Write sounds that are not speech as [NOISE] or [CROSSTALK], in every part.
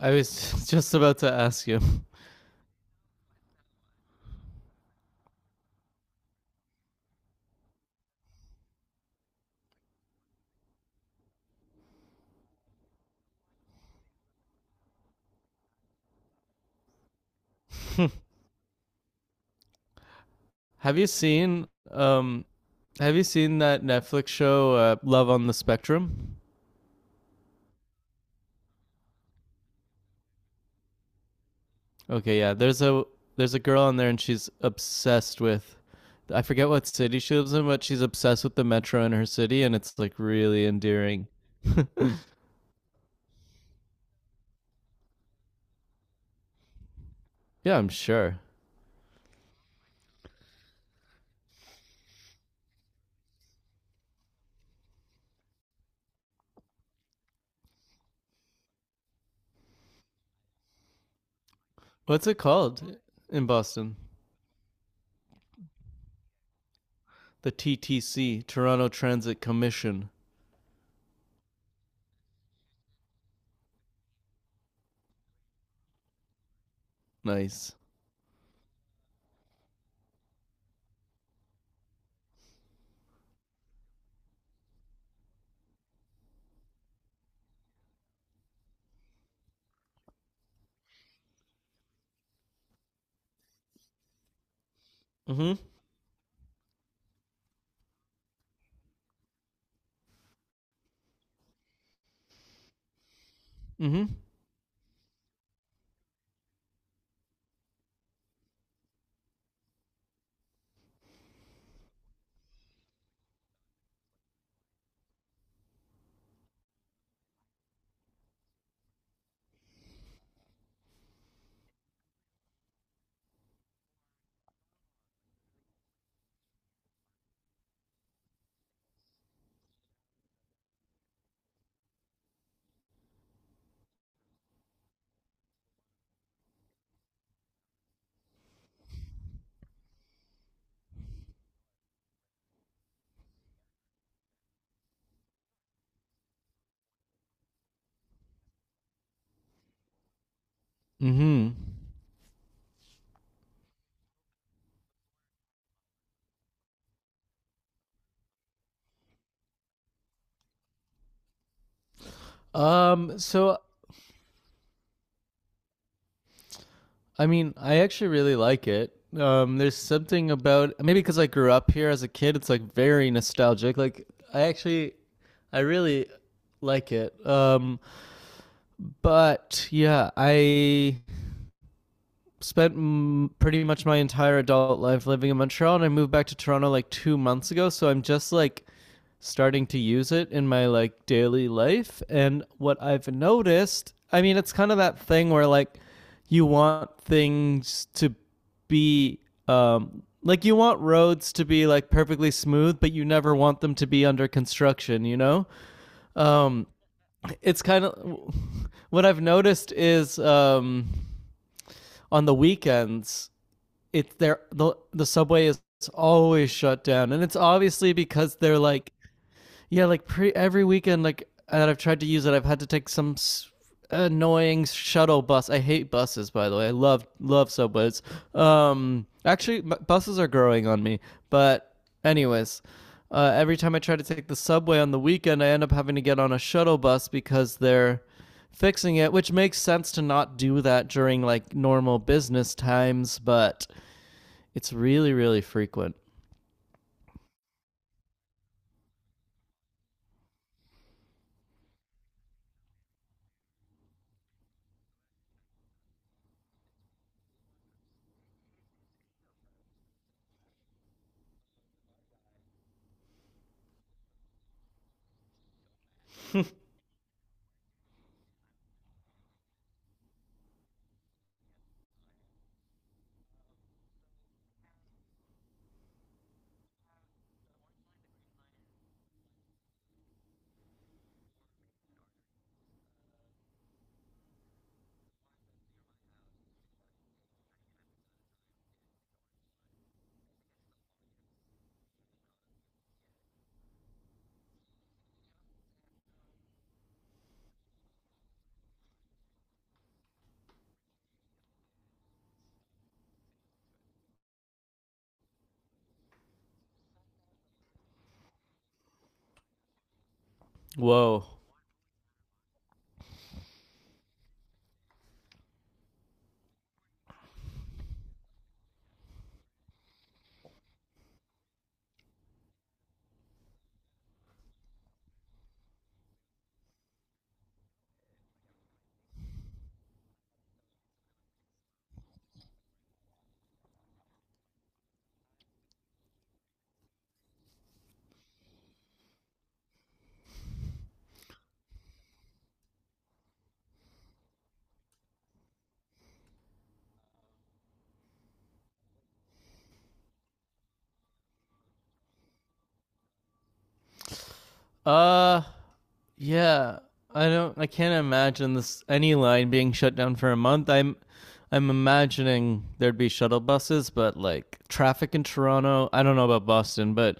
I was [LAUGHS] just about to ask you. [LAUGHS] have you seen um have you seen that Netflix show Love on the Spectrum? Okay, yeah. There's a girl on there and she's obsessed with — I forget what city she lives in, but she's obsessed with the metro in her city and it's like really endearing. Yeah, I'm sure. What's it called in Boston? The TTC, Toronto Transit Commission. Nice. Mhm. Mhm. Mhm. Um so I mean, I actually really like it. There's something about, maybe because I grew up here as a kid, it's like very nostalgic. Like I actually, I really like it. But yeah, I spent, pretty much my entire adult life living in Montreal, and I moved back to Toronto like 2 months ago. So I'm just like starting to use it in my like daily life. And what I've noticed, I mean, it's kind of that thing where like you want things to be like, you want roads to be like perfectly smooth, but you never want them to be under construction. You know, um, it's kind of [LAUGHS] what I've noticed is, on the weekends it's there — the subway is always shut down, and it's obviously because they're like — yeah, like pre every weekend like that I've tried to use it, I've had to take some annoying shuttle bus. I hate buses, by the way. I love love subways. Actually, buses are growing on me. But anyways, every time I try to take the subway on the weekend, I end up having to get on a shuttle bus because they're fixing it, which makes sense, to not do that during like normal business times, but it's really, really frequent. [LAUGHS] Whoa. Uh, yeah. I don't. I can't imagine this any line being shut down for a month. I'm imagining there'd be shuttle buses, but like traffic in Toronto. I don't know about Boston, but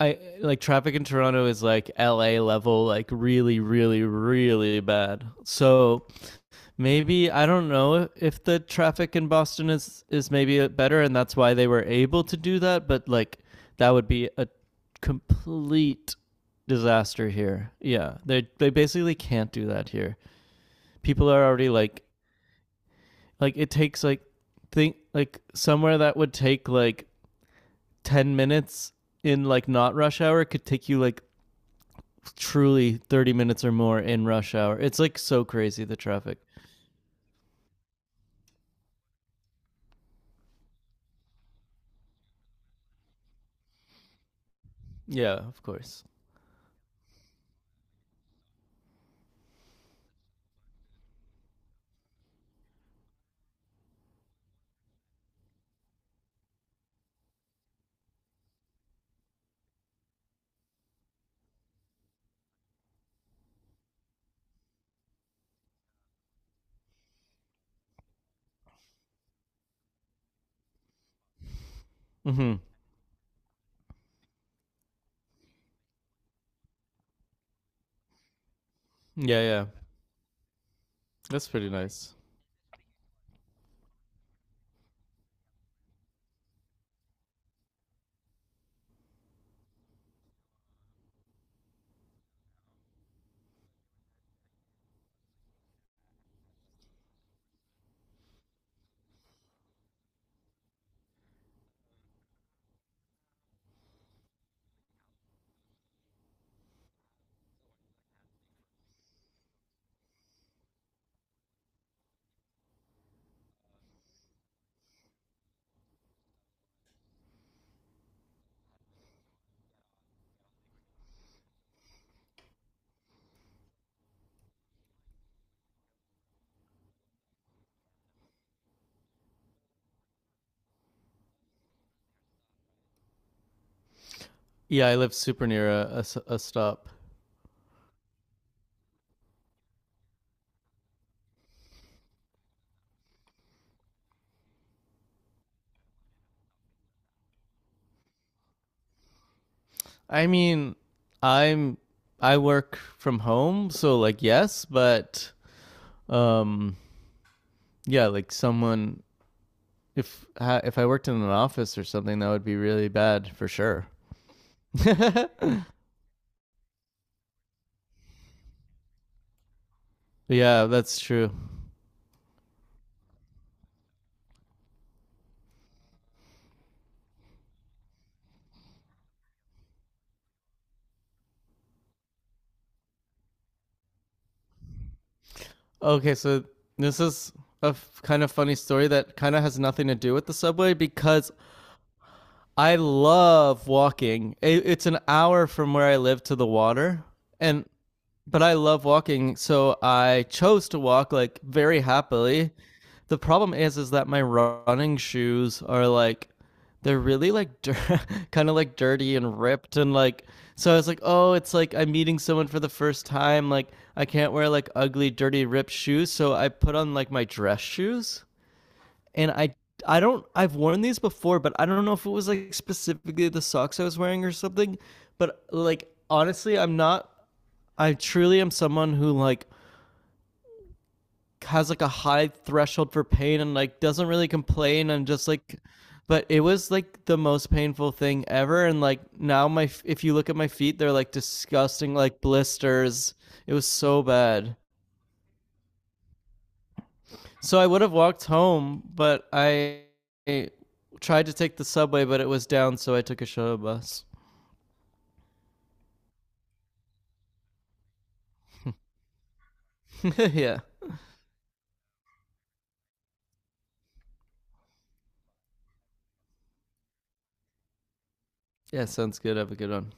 I — like traffic in Toronto is like L.A. level, like really, really, really bad. So maybe I don't know if the traffic in Boston is maybe better, and that's why they were able to do that. But like that would be a complete disaster here. Yeah, they basically can't do that here. People are already like — like it takes like — think like somewhere that would take like 10 minutes in like not rush hour could take you like truly 30 minutes or more in rush hour. It's like so crazy, the traffic. Yeah, of course. Mhm. Yeah, yeah. That's pretty nice. Yeah, I live super near a stop. I mean, I'm — I work from home, so like yes, but um yeah, like someone — if if I worked in an office or something, that would be really bad for sure. [LAUGHS] Yeah, that's true. Okay, so this is a f- kind of funny story that kind of has nothing to do with the subway because I love walking. It, it's an hour from where I live to the water, and but I love walking, so I chose to walk like very happily. The problem is that my running shoes are like, they're really like dir- [LAUGHS] kind of like dirty and ripped and like, so I was like, "Oh, it's like I'm meeting someone for the first time, like I can't wear like ugly, dirty, ripped shoes." So I put on like my dress shoes, and I — I don't — I've worn these before, but I don't know if it was like specifically the socks I was wearing or something, but like honestly, I'm not — I truly am someone who like has like a high threshold for pain and like doesn't really complain. I'm just like — but it was like the most painful thing ever. And like now my — if you look at my feet, they're like disgusting, like blisters. It was so bad. So I would have walked home, but I tried to take the subway, but it was down, so I took a shuttle bus. [LAUGHS] Yeah. Yeah, sounds good. Have a good one.